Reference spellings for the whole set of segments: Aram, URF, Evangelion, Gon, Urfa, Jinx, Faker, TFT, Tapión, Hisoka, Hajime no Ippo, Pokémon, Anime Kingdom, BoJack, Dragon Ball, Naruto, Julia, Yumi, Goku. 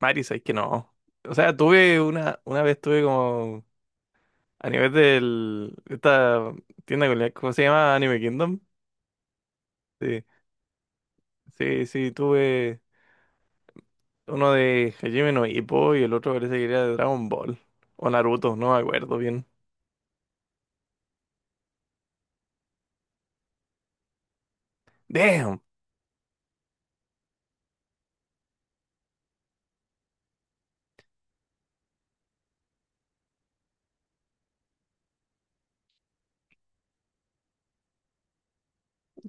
Mari, sabes que no. O sea, tuve una vez tuve como a nivel del esta tienda que ¿cómo se llama? Anime Kingdom. Sí, sí, sí, tuve uno de Hajime no Ippo y el otro parece que era de Dragon Ball. O Naruto, no me acuerdo bien. Damn.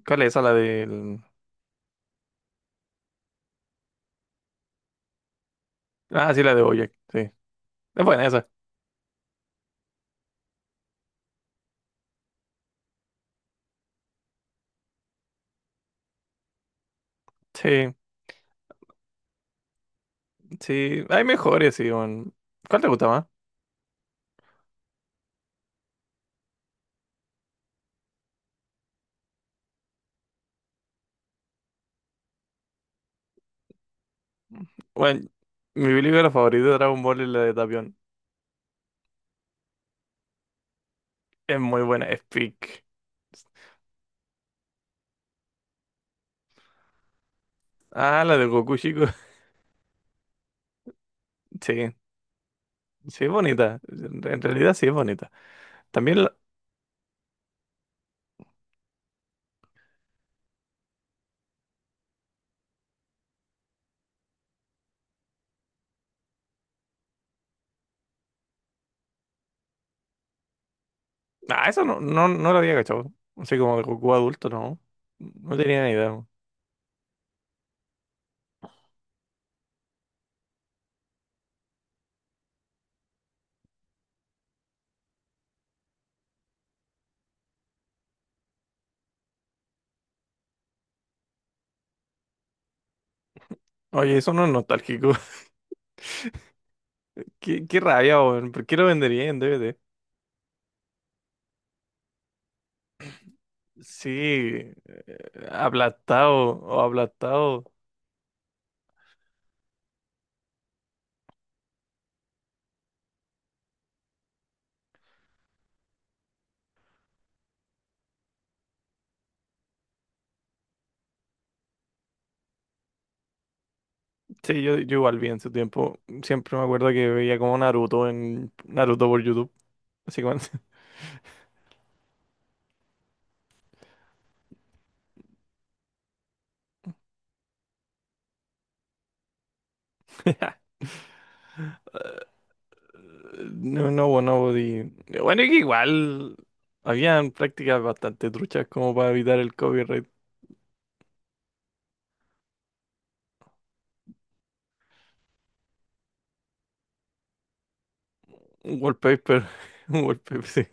¿Cuál es esa? La del. Ah, sí, la de BoJack, sí. Es buena esa. Sí, sí. Hay mejores, sí, weón. ¿Cuál te gusta más? Bueno, mi película favorita de Dragon Ball es la de Tapión. Es muy buena, es peak. Ah, la de Goku, sí, sí es bonita. En realidad sí es bonita. También, la- eso no lo había cachado. Así como de Goku adulto, no. No tenía ni idea. Oye, eso no es nostálgico. Qué rabia, weón. ¿Por qué lo vendería en DVD? Sí, aplastado o aplastado. Sí, yo igual vi en su tiempo. Siempre me acuerdo que veía como Naruto en Naruto por YouTube. Así como no, no, bueno, bueno, y que igual habían prácticas bastante truchas como para evitar el copyright. Un wallpaper. Un wallpaper, sí.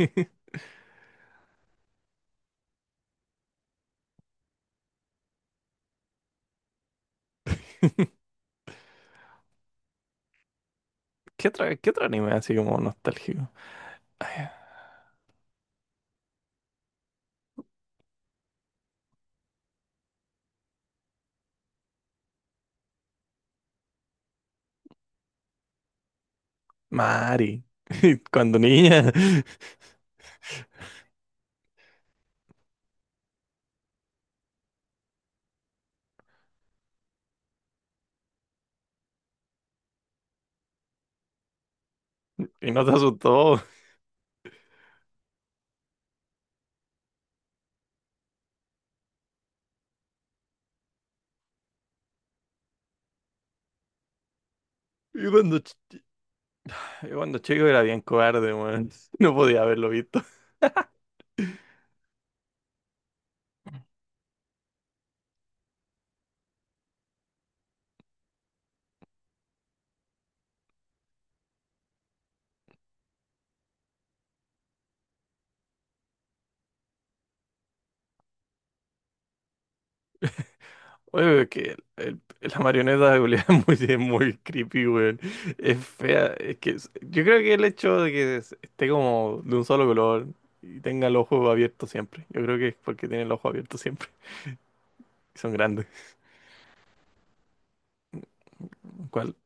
¿Qué otro anime así como nostálgico? Ay, ah, Mari. Cuando niña. Y no te asustó. Y cuando, ch- y cuando chico era bien cobarde, weón. No podía haberlo visto. Oye, es que la marioneta de Julia es muy creepy, weón. Es fea. Yo creo que el hecho de que esté como de un solo color y tenga el ojo abierto siempre. Yo creo que es porque tiene el ojo abierto siempre. Y son grandes. ¿Cuál?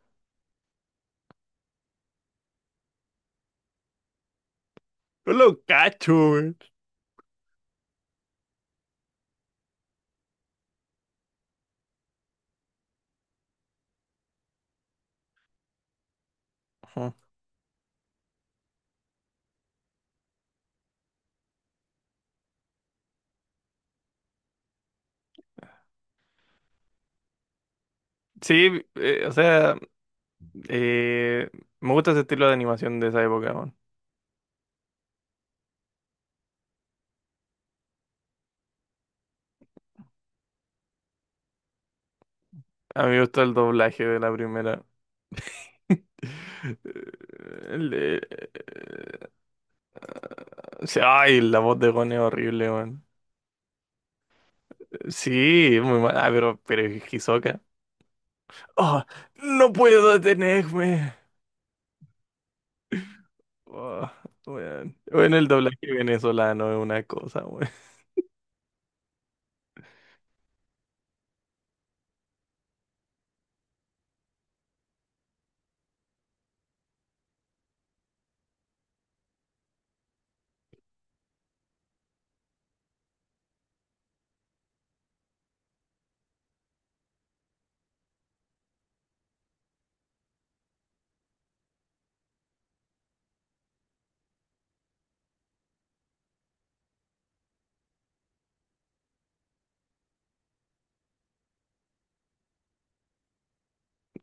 No lo cacho, weón. Ujú. Sí, o sea, eh, me gusta ese estilo de animación de esa época, weón. A mí me gusta el doblaje de la primera. El de- o sea, ay, la voz de Gon es horrible, weón. Sí, muy mal. Ah, pero es Hisoka. Oh, no puedo detenerme. Oh, weón. Bueno, el doblaje venezolano es una cosa, weón.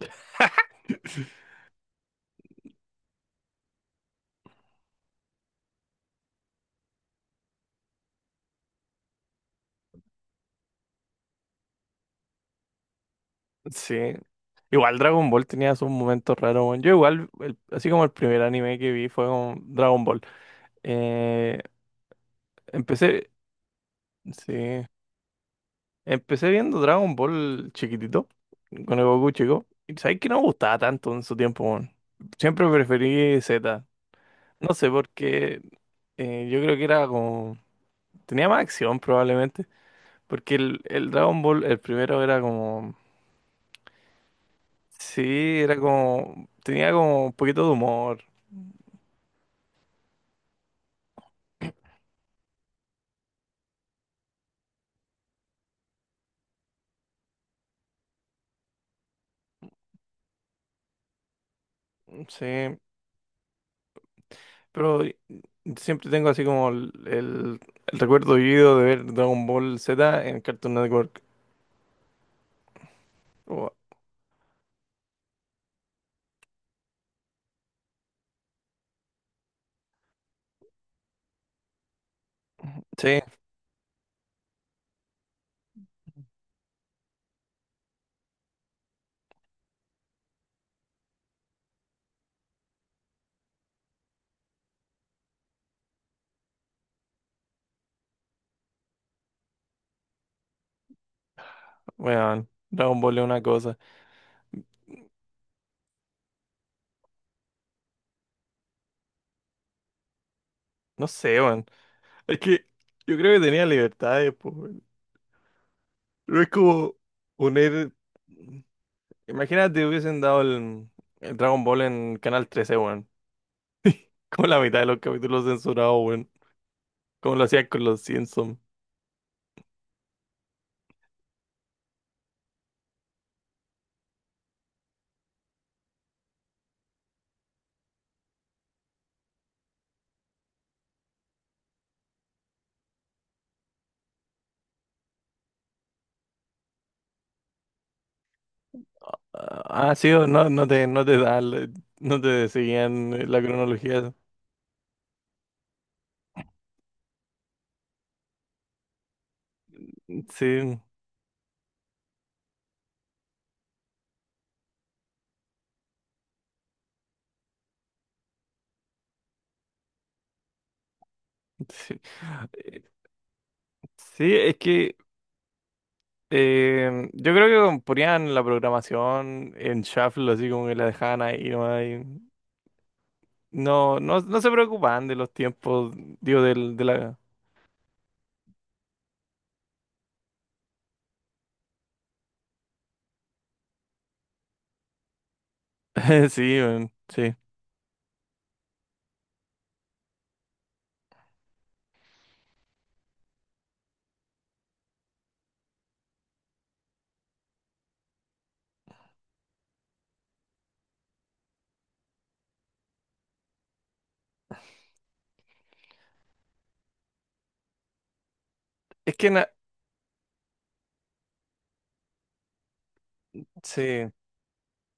Sí. Igual Dragon Ball tenía sus momentos raros, weón. Yo igual, así como el primer anime que vi fue con Dragon Ball. Eh, empecé, sí, empecé viendo Dragon Ball chiquitito, con el Goku chico. Y sabes que no me gustaba tanto en su tiempo, weón. Siempre preferí Z. No sé, porque yo creo que era como... Tenía más acción probablemente. Porque el Dragon Ball, el primero era como... Sí, era como... Tenía como un poquito de humor. Sí. Pero siempre tengo así como el recuerdo vivido de ver Dragon Ball Z en Cartoon Network. Sí, weón. Dragon Ball es una cosa. No sé, weón. Es que yo creo que tenía libertades, pues, weón. No es como poner. Imagínate, hubiesen dado el Dragon Ball en Canal 13, weón. Como la mitad de los capítulos censurados, weón. Como lo hacían con los Simpsons. Sí, o no, no te dan, no te seguían la cronología. Sí, sí. Sí, es que yo creo que ponían la programación en shuffle, así como que la dejaban ahí nomás, y no se preocupaban de los tiempos, digo, de la... Sí, weón, sí. Es que, na- sí.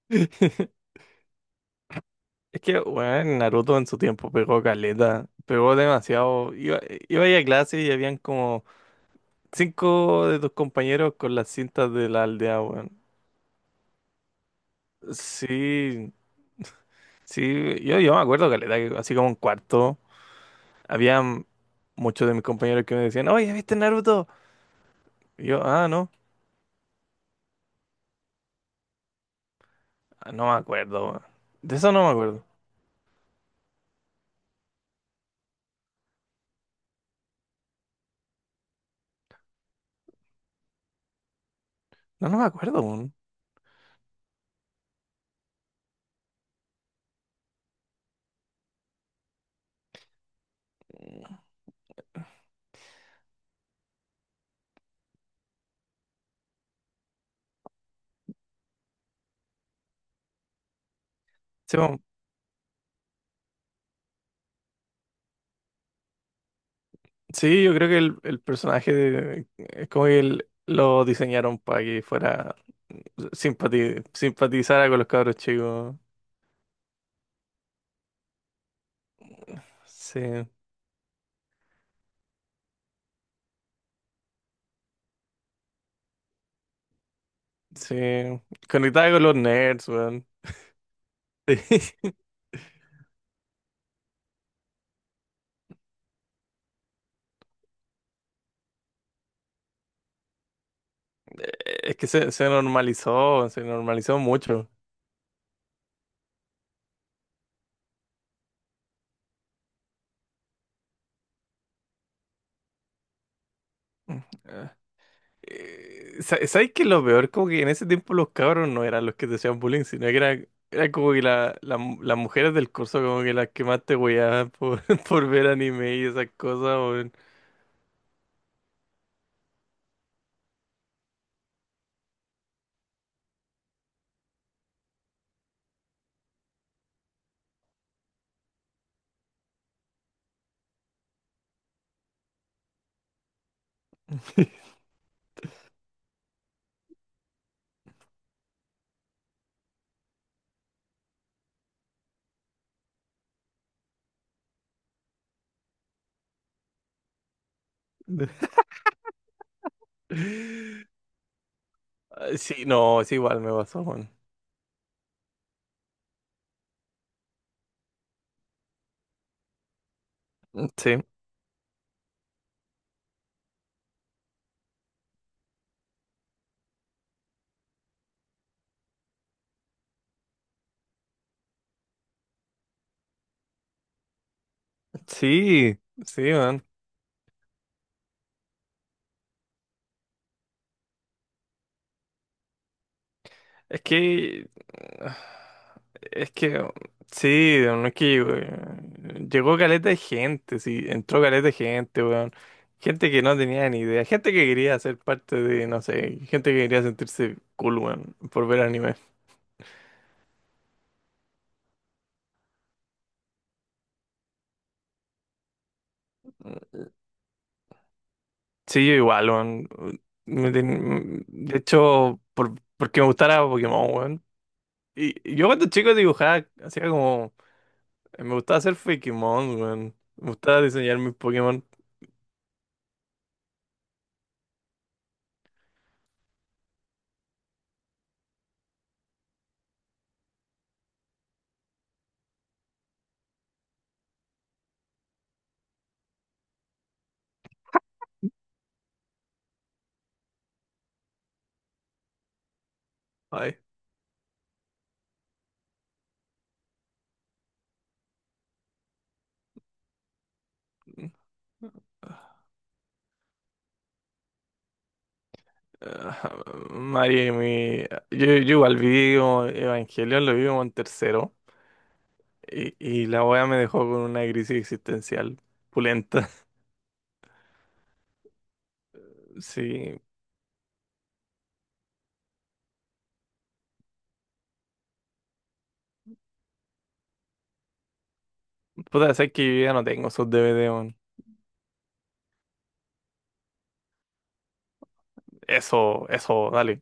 Es que, bueno, Naruto en su tiempo pegó caleta, pegó demasiado. Iba ahí a clase y habían como cinco de tus compañeros con las cintas de la aldea, weón. Sí, sí, yo me acuerdo caleta, que así como en cuarto. Había muchos de mis compañeros que me decían, oye, ¿viste Naruto? Y yo, ah, no, ah, no me acuerdo, weón. De eso no me acuerdo. No, no me acuerdo, weón. Sí, weón. Sí, yo creo que el personaje de, es como que lo diseñaron para que fuera simpatizara con los cabros chicos. Sí, sí. Conectaba con los nerds, weón. Sí. Es que se normalizó mucho. ¿Sabes qué es lo peor? Como que en ese tiempo los cabros no eran los que te hacían bullying, sino que era como que las mujeres del curso como que las que más te hueaban por, por ver anime y esas cosas, weón. Ah, sí, no, es igual me pasó, weón. Sí, sí, sí, man. Es que, Es que, sí, no es que llegó, llegó caleta de gente, sí, entró caleta de gente, weón. Gente que no tenía ni idea, gente que quería ser parte de, no sé, gente que quería sentirse cool, weón, por ver anime. Sí, yo igual, weón. De hecho, porque me gustara Pokémon, weón. Y yo cuando chico dibujaba, hacía como, me gustaba hacer Pokémon, weón. Me gustaba diseñar mis Pokémon. Ay. Ajá, Mari, mi- yo igual vi como Evangelion, lo vi como en tercero y la wea me dejó con una crisis existencial pulenta. Sí, puta, sé que yo ya no tengo esos DVD, weón. Eso, dale.